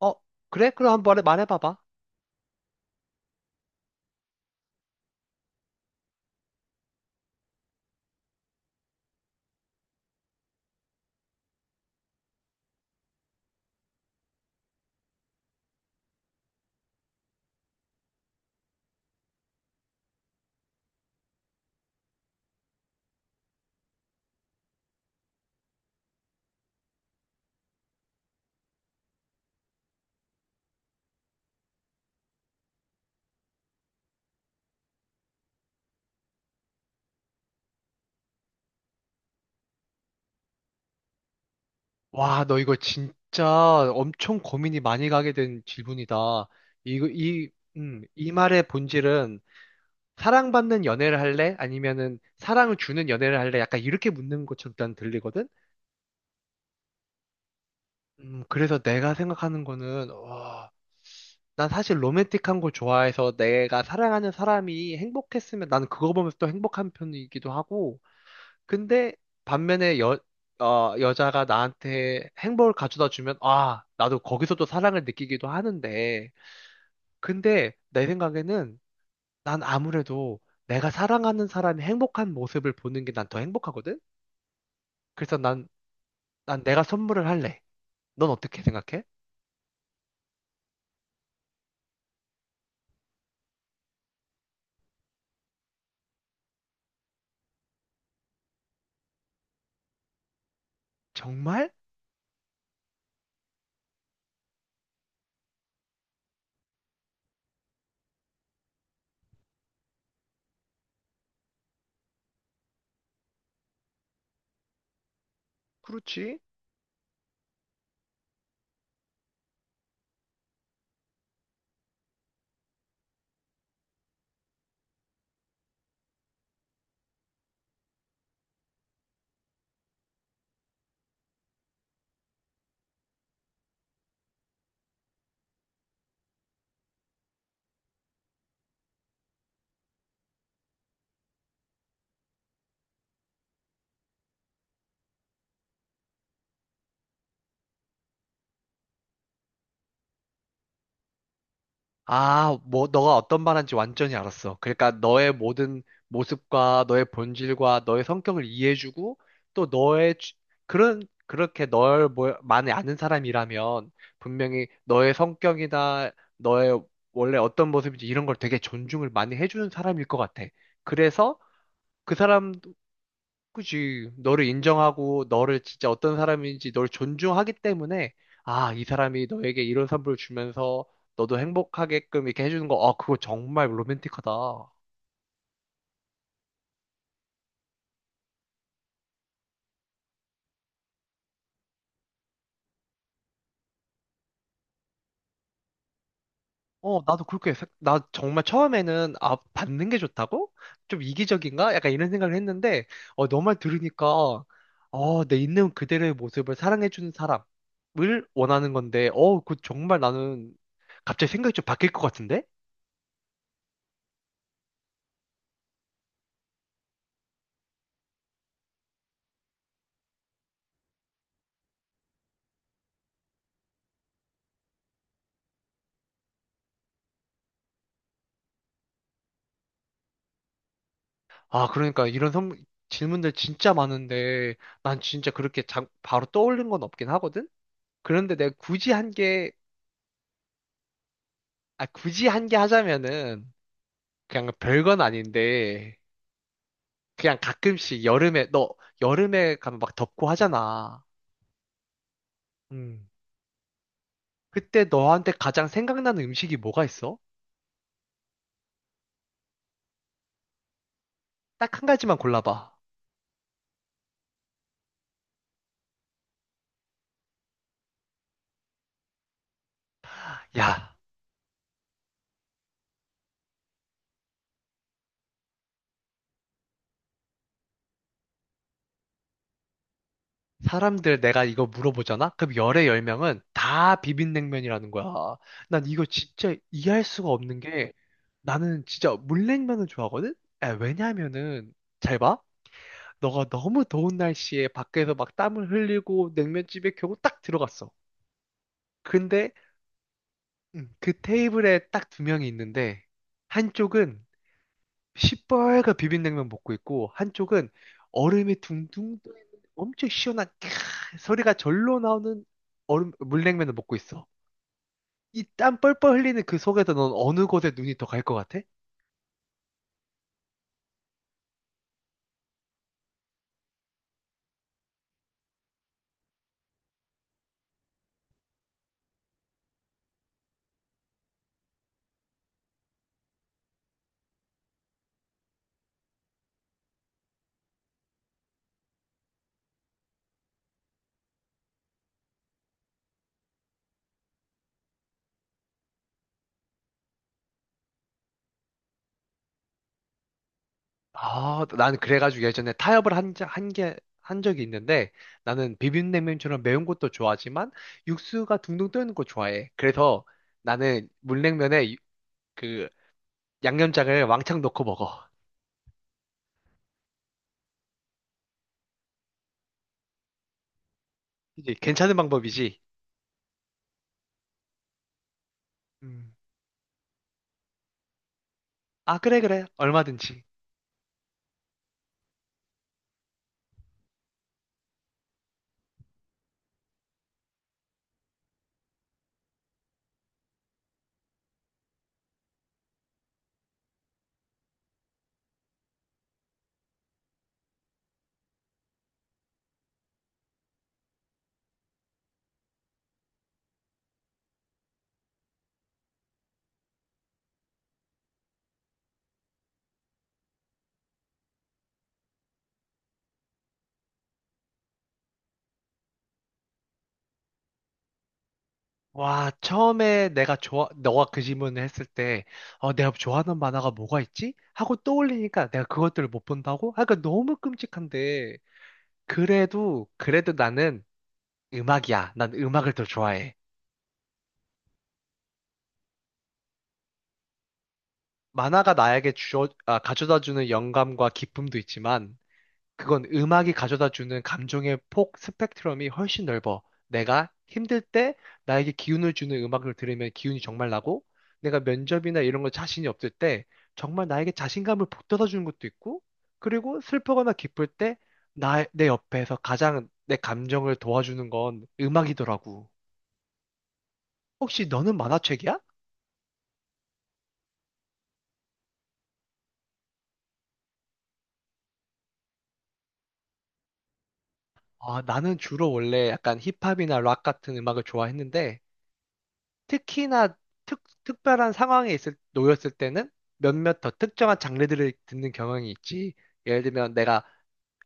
어, 그래? 그럼 한번 말해봐봐. 와, 너 이거 진짜 엄청 고민이 많이 가게 된 질문이다. 이거, 이, 이 말의 본질은 사랑받는 연애를 할래? 아니면은 사랑을 주는 연애를 할래? 약간 이렇게 묻는 것처럼 일단 들리거든? 그래서 내가 생각하는 거는, 와, 난 사실 로맨틱한 걸 좋아해서 내가 사랑하는 사람이 행복했으면 나는 그거 보면서 또 행복한 편이기도 하고, 근데 반면에 여자가 나한테 행복을 가져다 주면, 아, 나도 거기서 또 사랑을 느끼기도 하는데, 근데 내 생각에는 난 아무래도 내가 사랑하는 사람이 행복한 모습을 보는 게 난 더 행복하거든? 그래서 난 내가 선물을 할래. 넌 어떻게 생각해? 정말? 그렇지. 아, 뭐, 너가 어떤 말한지 완전히 알았어. 그러니까 너의 모든 모습과 너의 본질과 너의 성격을 이해해주고 또 그런 그렇게 많이 아는 사람이라면 분명히 너의 성격이나 너의 원래 어떤 모습인지 이런 걸 되게 존중을 많이 해주는 사람일 것 같아. 그래서 그 사람 그지. 너를 인정하고 너를 진짜 어떤 사람인지 널 존중하기 때문에 아, 이 사람이 너에게 이런 선물을 주면서 너도 행복하게끔 이렇게 해주는 거, 아, 그거 정말 로맨틱하다. 어, 나도 나 정말 처음에는, 아, 받는 게 좋다고? 좀 이기적인가? 약간 이런 생각을 했는데, 어, 너 말 들으니까, 어, 내 있는 그대로의 모습을 사랑해주는 사람을 원하는 건데, 어, 그 정말 나는 갑자기 생각이 좀 바뀔 것 같은데? 아, 그러니까 질문들 진짜 많은데 난 진짜 그렇게 바로 떠올린 건 없긴 하거든? 그런데 내가 굳이 한 게, 아, 굳이 한 게 하자면은 그냥 별 건 아닌데 그냥 가끔씩 여름에 가면 막 덥고 하잖아. 음. 그때 너한테 가장 생각나는 음식이 뭐가 있어? 딱 한 가지만 골라봐. 야, 사람들 내가 이거 물어보잖아? 그럼 열의 열 명은 다 비빔냉면이라는 거야. 난 이거 진짜 이해할 수가 없는 게 나는 진짜 물냉면을 좋아하거든? 아, 왜냐면은, 잘 봐. 너가 너무 더운 날씨에 밖에서 막 땀을 흘리고 냉면집에 겨우 딱 들어갔어. 근데 그 테이블에 딱 두 명이 있는데, 한쪽은 시뻘건 비빔냉면 먹고 있고, 한쪽은 얼음이 둥둥 떠 있는 엄청 시원한 캬, 소리가 절로 나오는 얼음, 물냉면을 먹고 있어. 이 땀 뻘뻘 흘리는 그 속에서 넌 어느 곳에 눈이 더 갈 것 같아? 아, 나는 그래가지고 예전에 한 게, 한 적이 있는데 나는 비빔냉면처럼 매운 것도 좋아하지만 육수가 둥둥 떠있는 거 좋아해. 그래서 나는 그 양념장을 왕창 넣고 먹어. 이게 괜찮은 방법이지. 음. 아, 그래, 그래. 얼마든지. 와, 너가 그 질문을 했을 때, 어, 내가 좋아하는 만화가 뭐가 있지? 하고 떠올리니까 내가 그것들을 못 본다고? 아, 그러니까 너무 끔찍한데. 그래도, 그래도 나는 음악이야. 난 음악을 더 좋아해. 아, 가져다주는 영감과 기쁨도 있지만, 그건 음악이 가져다주는 감정의 폭, 스펙트럼이 훨씬 넓어. 내가 힘들 때 나에게 기운을 주는 음악을 들으면 기운이 정말 나고, 내가 면접이나 이런 거 자신이 없을 때 정말 나에게 자신감을 북돋아주는 것도 있고, 그리고 슬프거나 기쁠 때 내 옆에서 가장 내 감정을 도와주는 건 음악이더라고. 혹시 너는 만화책이야? 아, 나는 주로 원래 약간 힙합이나 락 같은 음악을 좋아했는데, 특히나 특별한 상황에 놓였을 때는 몇몇 더 특정한 장르들을 듣는 경향이 있지. 예를 들면 내가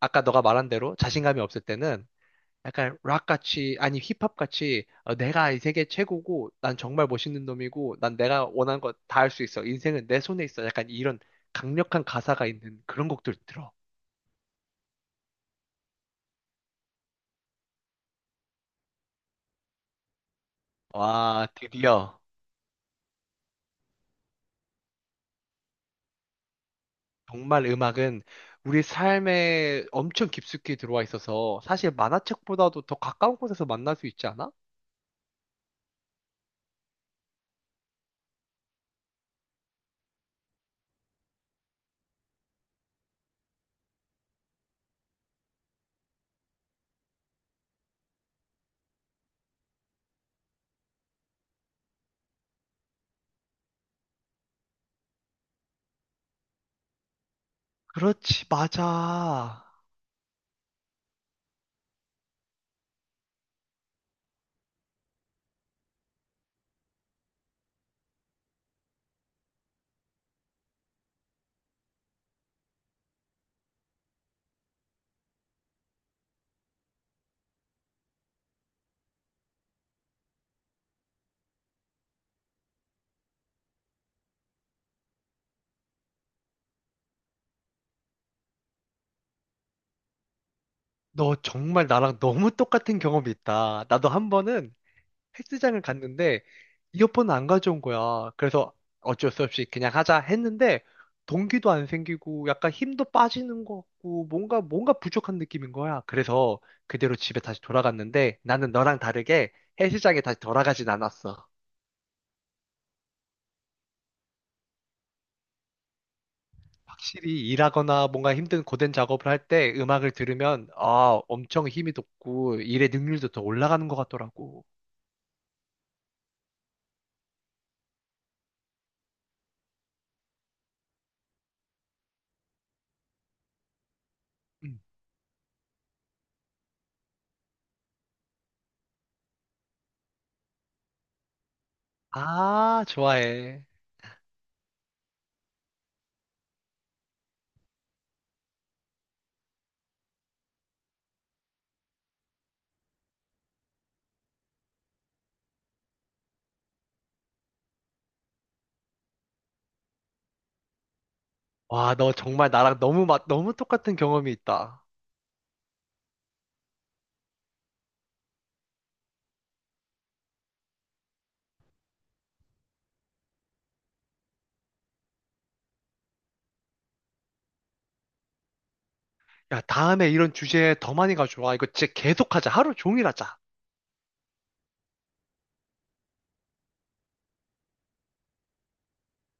아까 너가 말한 대로 자신감이 없을 때는 약간 락같이, 아니 힙합같이 어, 내가 이 세계 최고고, 난 정말 멋있는 놈이고, 난 내가 원하는 거 다 할 수 있어. 인생은 내 손에 있어. 약간 이런 강력한 가사가 있는 그런 곡들 들어. 와, 드디어. 정말 음악은 우리 삶에 엄청 깊숙이 들어와 있어서 사실 만화책보다도 더 가까운 곳에서 만날 수 있지 않아? 그렇지, 맞아. 너 정말 나랑 너무 똑같은 경험이 있다. 나도 한 번은 헬스장을 갔는데 이어폰을 안 가져온 거야. 그래서 어쩔 수 없이 그냥 하자 했는데 동기도 안 생기고 약간 힘도 빠지는 것 같고 뭔가 부족한 느낌인 거야. 그래서 그대로 집에 다시 돌아갔는데 나는 너랑 다르게 헬스장에 다시 돌아가진 않았어. 확실히 일하거나 뭔가 힘든 고된 작업을 할 때 음악을 들으면 아, 엄청 힘이 돋고 일의 능률도 더 올라가는 것 같더라고. 음. 아, 좋아해. 와, 너 정말 너무 똑같은 경험이 있다. 야, 다음에 이런 주제 더 많이 가져와. 이거 진짜 계속하자. 하루 종일 하자.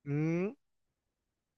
음.